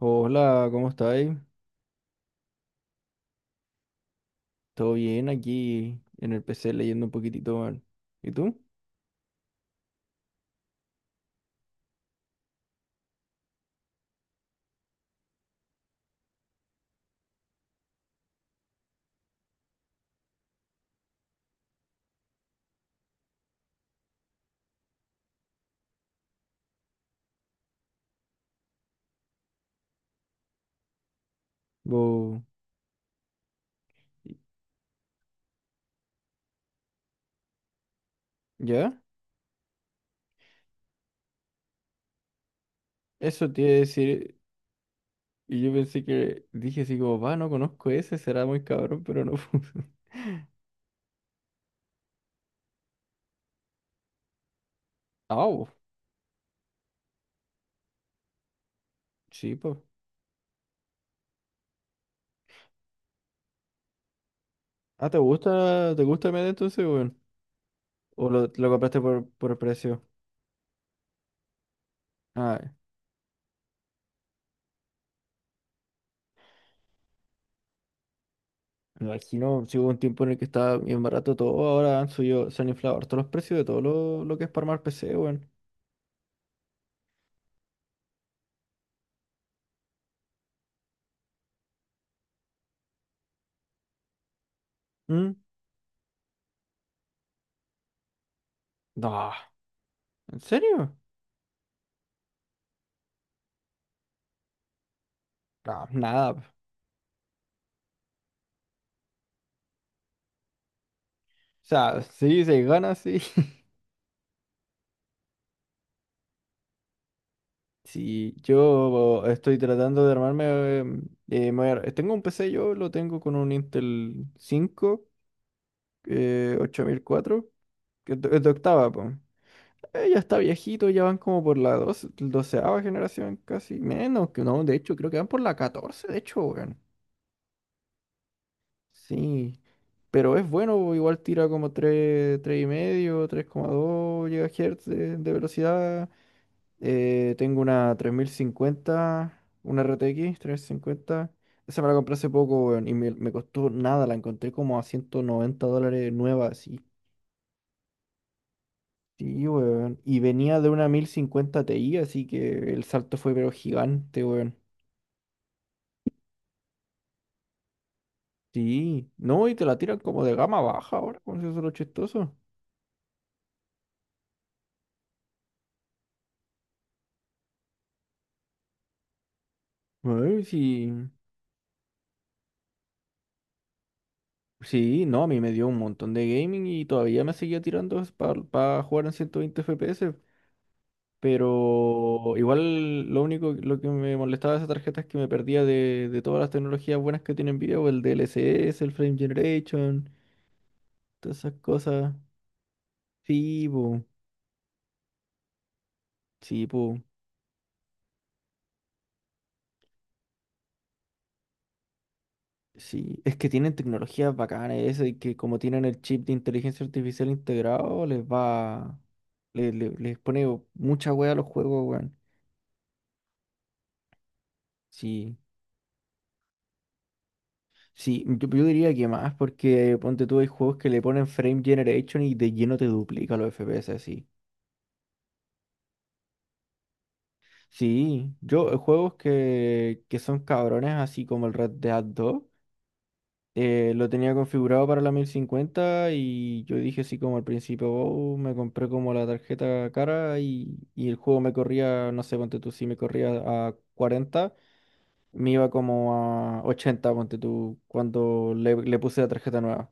Hola, ¿cómo estáis? ¿Todo bien aquí en el PC leyendo un poquitito, man? ¿Y tú? Bo- ¿Ya? Eso te iba a decir. Y yo pensé que dije así como, va, no conozco ese, será muy cabrón, pero no fue. Ah, bo, sí, pues. Ah, ¿te gusta el medio entonces, weón? ¿O lo compraste por precio? Ah, me imagino, si hubo un tiempo en el que estaba bien barato todo, ahora han subido, se han inflado todos los precios de todo lo que es para armar PC, weón. ¿Mm? No, ¿en serio? No, nada. O sea, sí, se gana, sí. sí, yo estoy tratando de armarme, tengo un PC yo, lo tengo con un Intel 5, 8004, que es de octava, pues. Ya está viejito, ya van como por la 12, doceava generación, casi menos, que no, de hecho, creo que van por la 14 de hecho, weón. Sí, pero es bueno, igual tira como tres, tres y medio, 3 coma dos GHz de velocidad. Tengo una 3050, una RTX 50. Esa me la compré hace poco, weón, y me costó nada. La encontré como a $190 nueva, así. Sí, weón. Y venía de una 1050 Ti, así que el salto fue pero gigante, weón. Sí. No, y te la tiran como de gama baja ahora, con eso es lo chistoso. Ay, sí. Sí, no, a mí me dio un montón de gaming y todavía me seguía tirando para jugar en 120 FPS. Pero igual lo único lo que me molestaba de esa tarjeta es que me perdía de todas las tecnologías buenas que tiene Nvidia, o el DLSS, el Frame Generation, todas esas cosas. Sí, po, sí, po, sí. Es que tienen tecnologías bacanas esas, y que como tienen el chip de inteligencia artificial integrado, les va, pone mucha wea a los juegos, weón. Sí. Sí, yo diría que más, porque ponte tú, hay juegos que le ponen frame generation y de lleno te duplica los FPS así. Sí, yo, juegos que son cabrones, así como el Red Dead 2, lo tenía configurado para la 1050 y yo dije así como al principio, "Oh, me compré como la tarjeta cara y el juego me corría, no sé, ponte tú, si me corría a 40, me iba como a 80, ponte tú, cuando le puse la tarjeta nueva".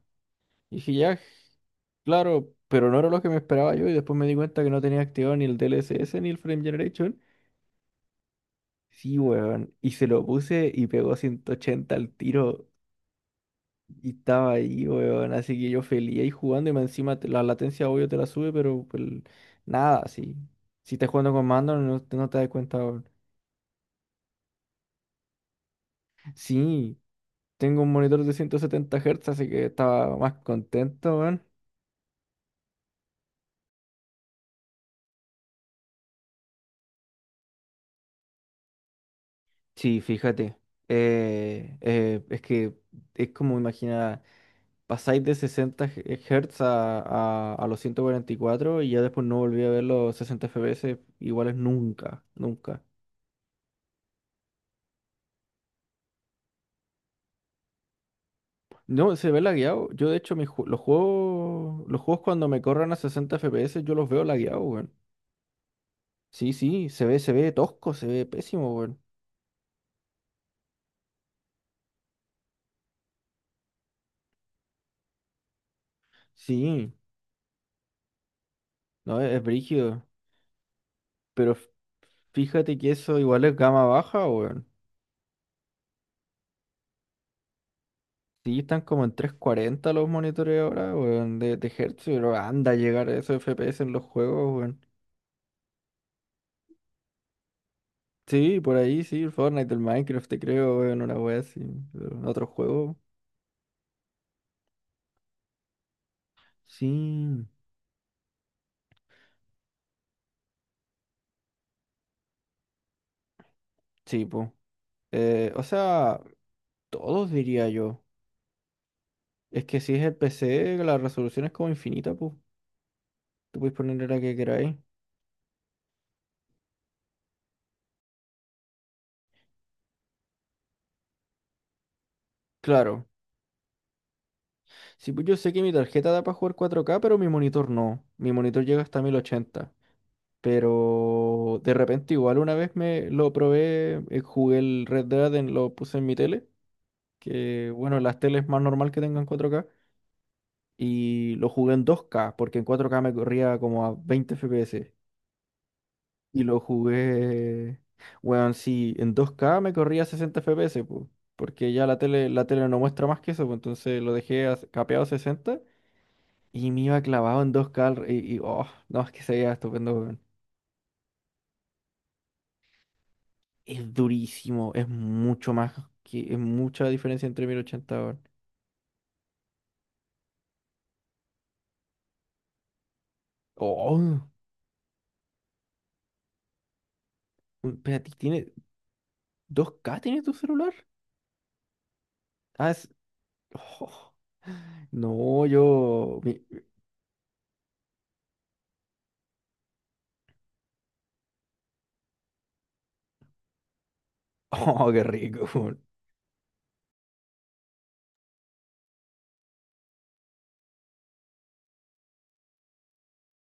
Y dije, ya, claro, pero no era lo que me esperaba yo, y después me di cuenta que no tenía activado ni el DLSS ni el Frame Generation. Sí, weón. Y se lo puse y pegó 180 al tiro, y estaba ahí, weón. Así que yo feliz ahí jugando, y más encima la latencia obvio te la sube, pero pues, nada, sí. Si estás jugando con mando, no, te no te das cuenta, weón. Sí, tengo un monitor de 170 Hz, así que estaba más contento, weón. Sí, fíjate. Es que es como imaginar. Pasáis de 60 Hz a los 144, y cuatro, y ya después no volví a ver los 60 FPS iguales nunca, nunca. No, se ve lagueado. Yo, de hecho, los juegos cuando me corran a 60 FPS yo los veo lagueados, weón. Sí, sí, se ve tosco, se ve pésimo, weón. Sí, no, es brígido. Pero fíjate que eso igual es gama baja, weón. Sí, están como en 340 los monitores ahora, weón, de Hz, pero anda a llegar a esos FPS en los juegos, weón. Sí, por ahí sí, el Fortnite, el Minecraft, te creo, weón, una wea así, pero en otro juego. Sí, sí, pues. O sea, todos diría yo. Es que si es el PC, la resolución es como infinita, pues. Tú puedes poner la que queráis. Claro. Sí, pues yo sé que mi tarjeta da para jugar 4K, pero mi monitor no. Mi monitor llega hasta 1080. Pero de repente igual una vez me lo probé, jugué el Red Dead, lo puse en mi tele, que bueno, las teles más normal que tengan 4K. Y lo jugué en 2K, porque en 4K me corría como a 20 FPS. Y lo jugué, weón, sí, en 2K me corría a 60 FPS, po, porque ya la tele, no muestra más que eso, pues. Entonces lo dejé capeado a 60 y me iba clavado en 2K, oh, no, es que se veía estupendo, weón. Es durísimo, es mucho más, es mucha diferencia entre 1080, weón. Oh, espérate, ¿tiene 2K tiene tu celular? Ah, oh, no, yo. Oh, qué rico, weón.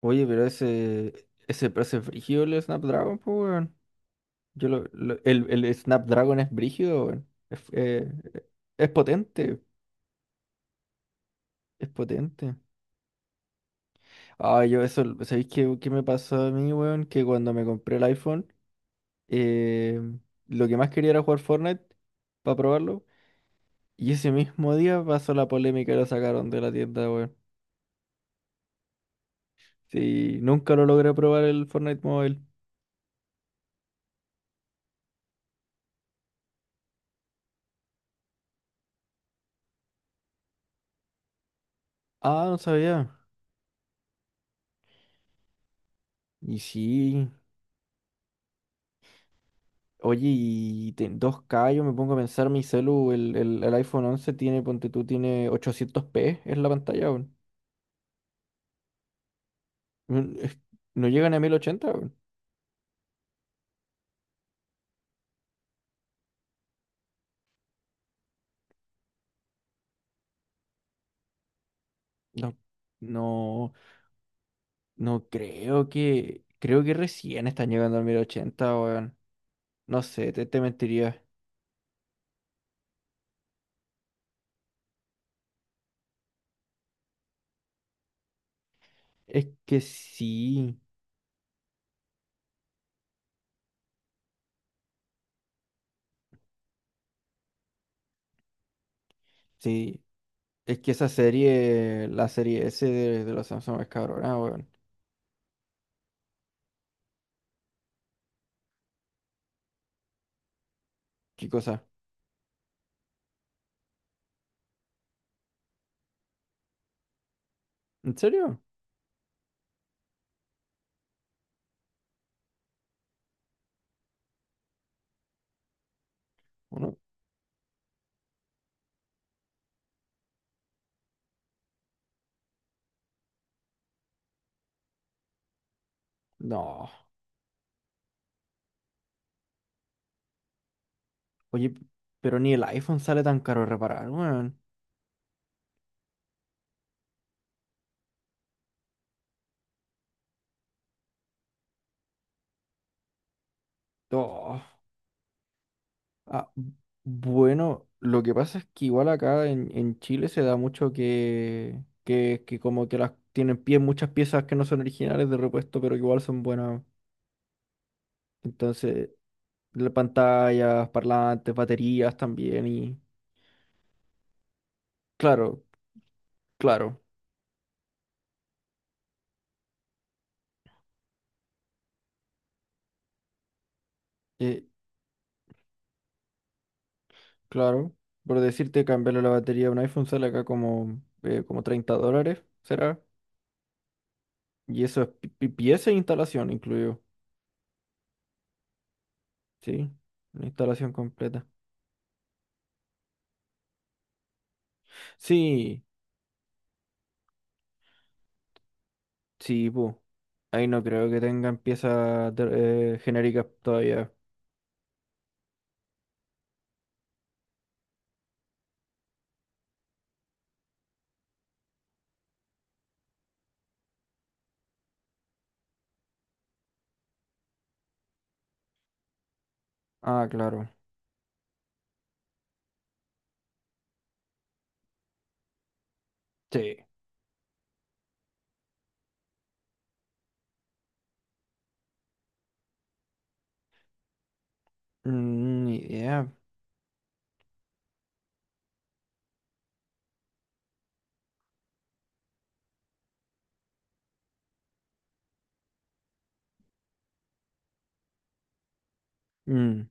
Oye, pero ese. Ese frígido el Snapdragon, pues, weón. Yo, el Snapdragon es brígido, weón. Es potente, es potente. Ah, yo eso, ¿sabéis qué me pasó a mí, weón? Que cuando me compré el iPhone, eh, lo que más quería era jugar Fortnite para probarlo. Y ese mismo día pasó la polémica y lo sacaron de la tienda, weón. Sí, nunca lo logré probar el Fortnite Mobile. Ah, no sabía. Y sí. Oye, y 2K, yo me pongo a pensar, mi celu, el iPhone 11 tiene, ponte tú, tiene 800p es la pantalla, weón. Mm, es- No llegan a 1080, weón. No, no, no, creo que recién están llegando a 1080, weón. No sé, te mentiría. Es que sí, sí. Es que esa serie, la serie S de los Samsung es cabrona, weón. ¿Qué cosa? ¿En serio? ¿O no? No. Oye, pero ni el iPhone sale tan caro de reparar, weón. Oh. Ah, bueno, lo que pasa es que igual acá en Chile se da mucho que como que las tienen pie, muchas piezas que no son originales de repuesto, pero que igual son buenas. Entonces, las pantallas, parlantes, baterías también y... Claro, claro, eh, claro. Por decirte, cambiarle la batería a un iPhone sale acá como $30, ¿será? Y eso es pieza e instalación incluido. Sí, una instalación completa. Sí, sí, pues. Ahí no creo que tengan piezas genéricas todavía. Ah, claro. Sí. Mm, ni idea. Mm,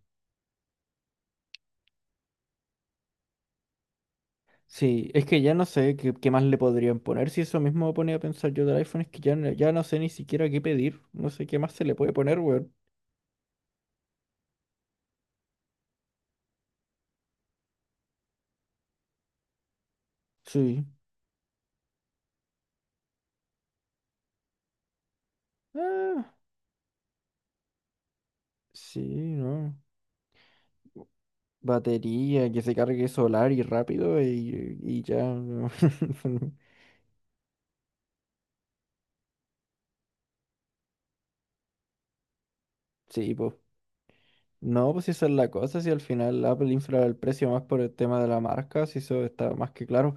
sí, es que ya no sé qué más le podrían poner. Si eso mismo me ponía a pensar yo del iPhone, es que ya, ya no sé ni siquiera qué pedir. No sé qué más se le puede poner, weón. Sí. Ah, sí, no. Batería, que se cargue solar y rápido y ya. Sí, pues. No, pues si esa es la cosa, si al final Apple infla el precio más por el tema de la marca, si eso está más que claro.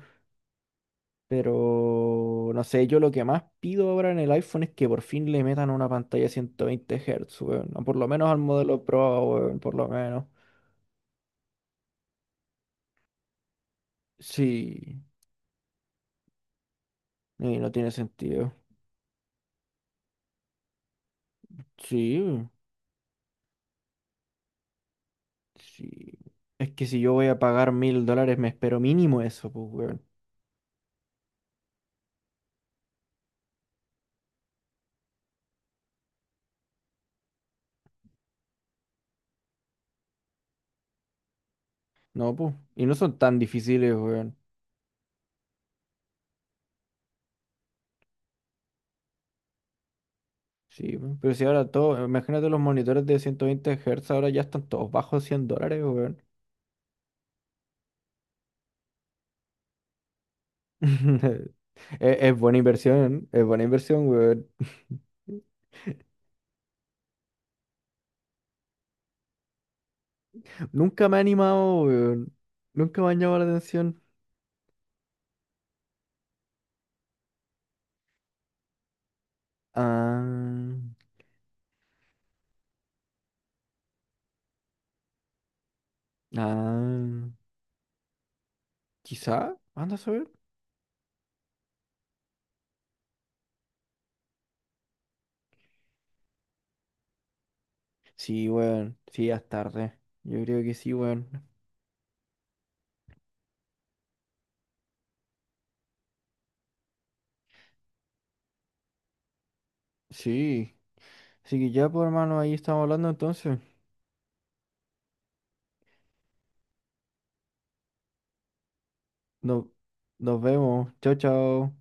Pero no sé, yo lo que más pido ahora en el iPhone es que por fin le metan una pantalla 120 Hz, weón. O por lo menos al modelo Pro, weón, por lo menos. Sí, y no tiene sentido. Sí, sí. Es que si yo voy a pagar $1000, me espero mínimo eso, pues, weón. No, pues. Y no son tan difíciles, weón. Sí, weón, pero si ahora todo, imagínate los monitores de 120 Hz, ahora ya están todos bajo $100, weón. Es buena inversión, es buena inversión, weón. Nunca me ha animado, weón. Nunca me ha llamado la atención. Ah, ah, quizá, anda a saber. Sí, weón, sí, ya es tarde. Yo creo que sí, weón. Sí, así que ya, pues hermano, ahí estamos hablando entonces. Nos, nos vemos. Chao, chao.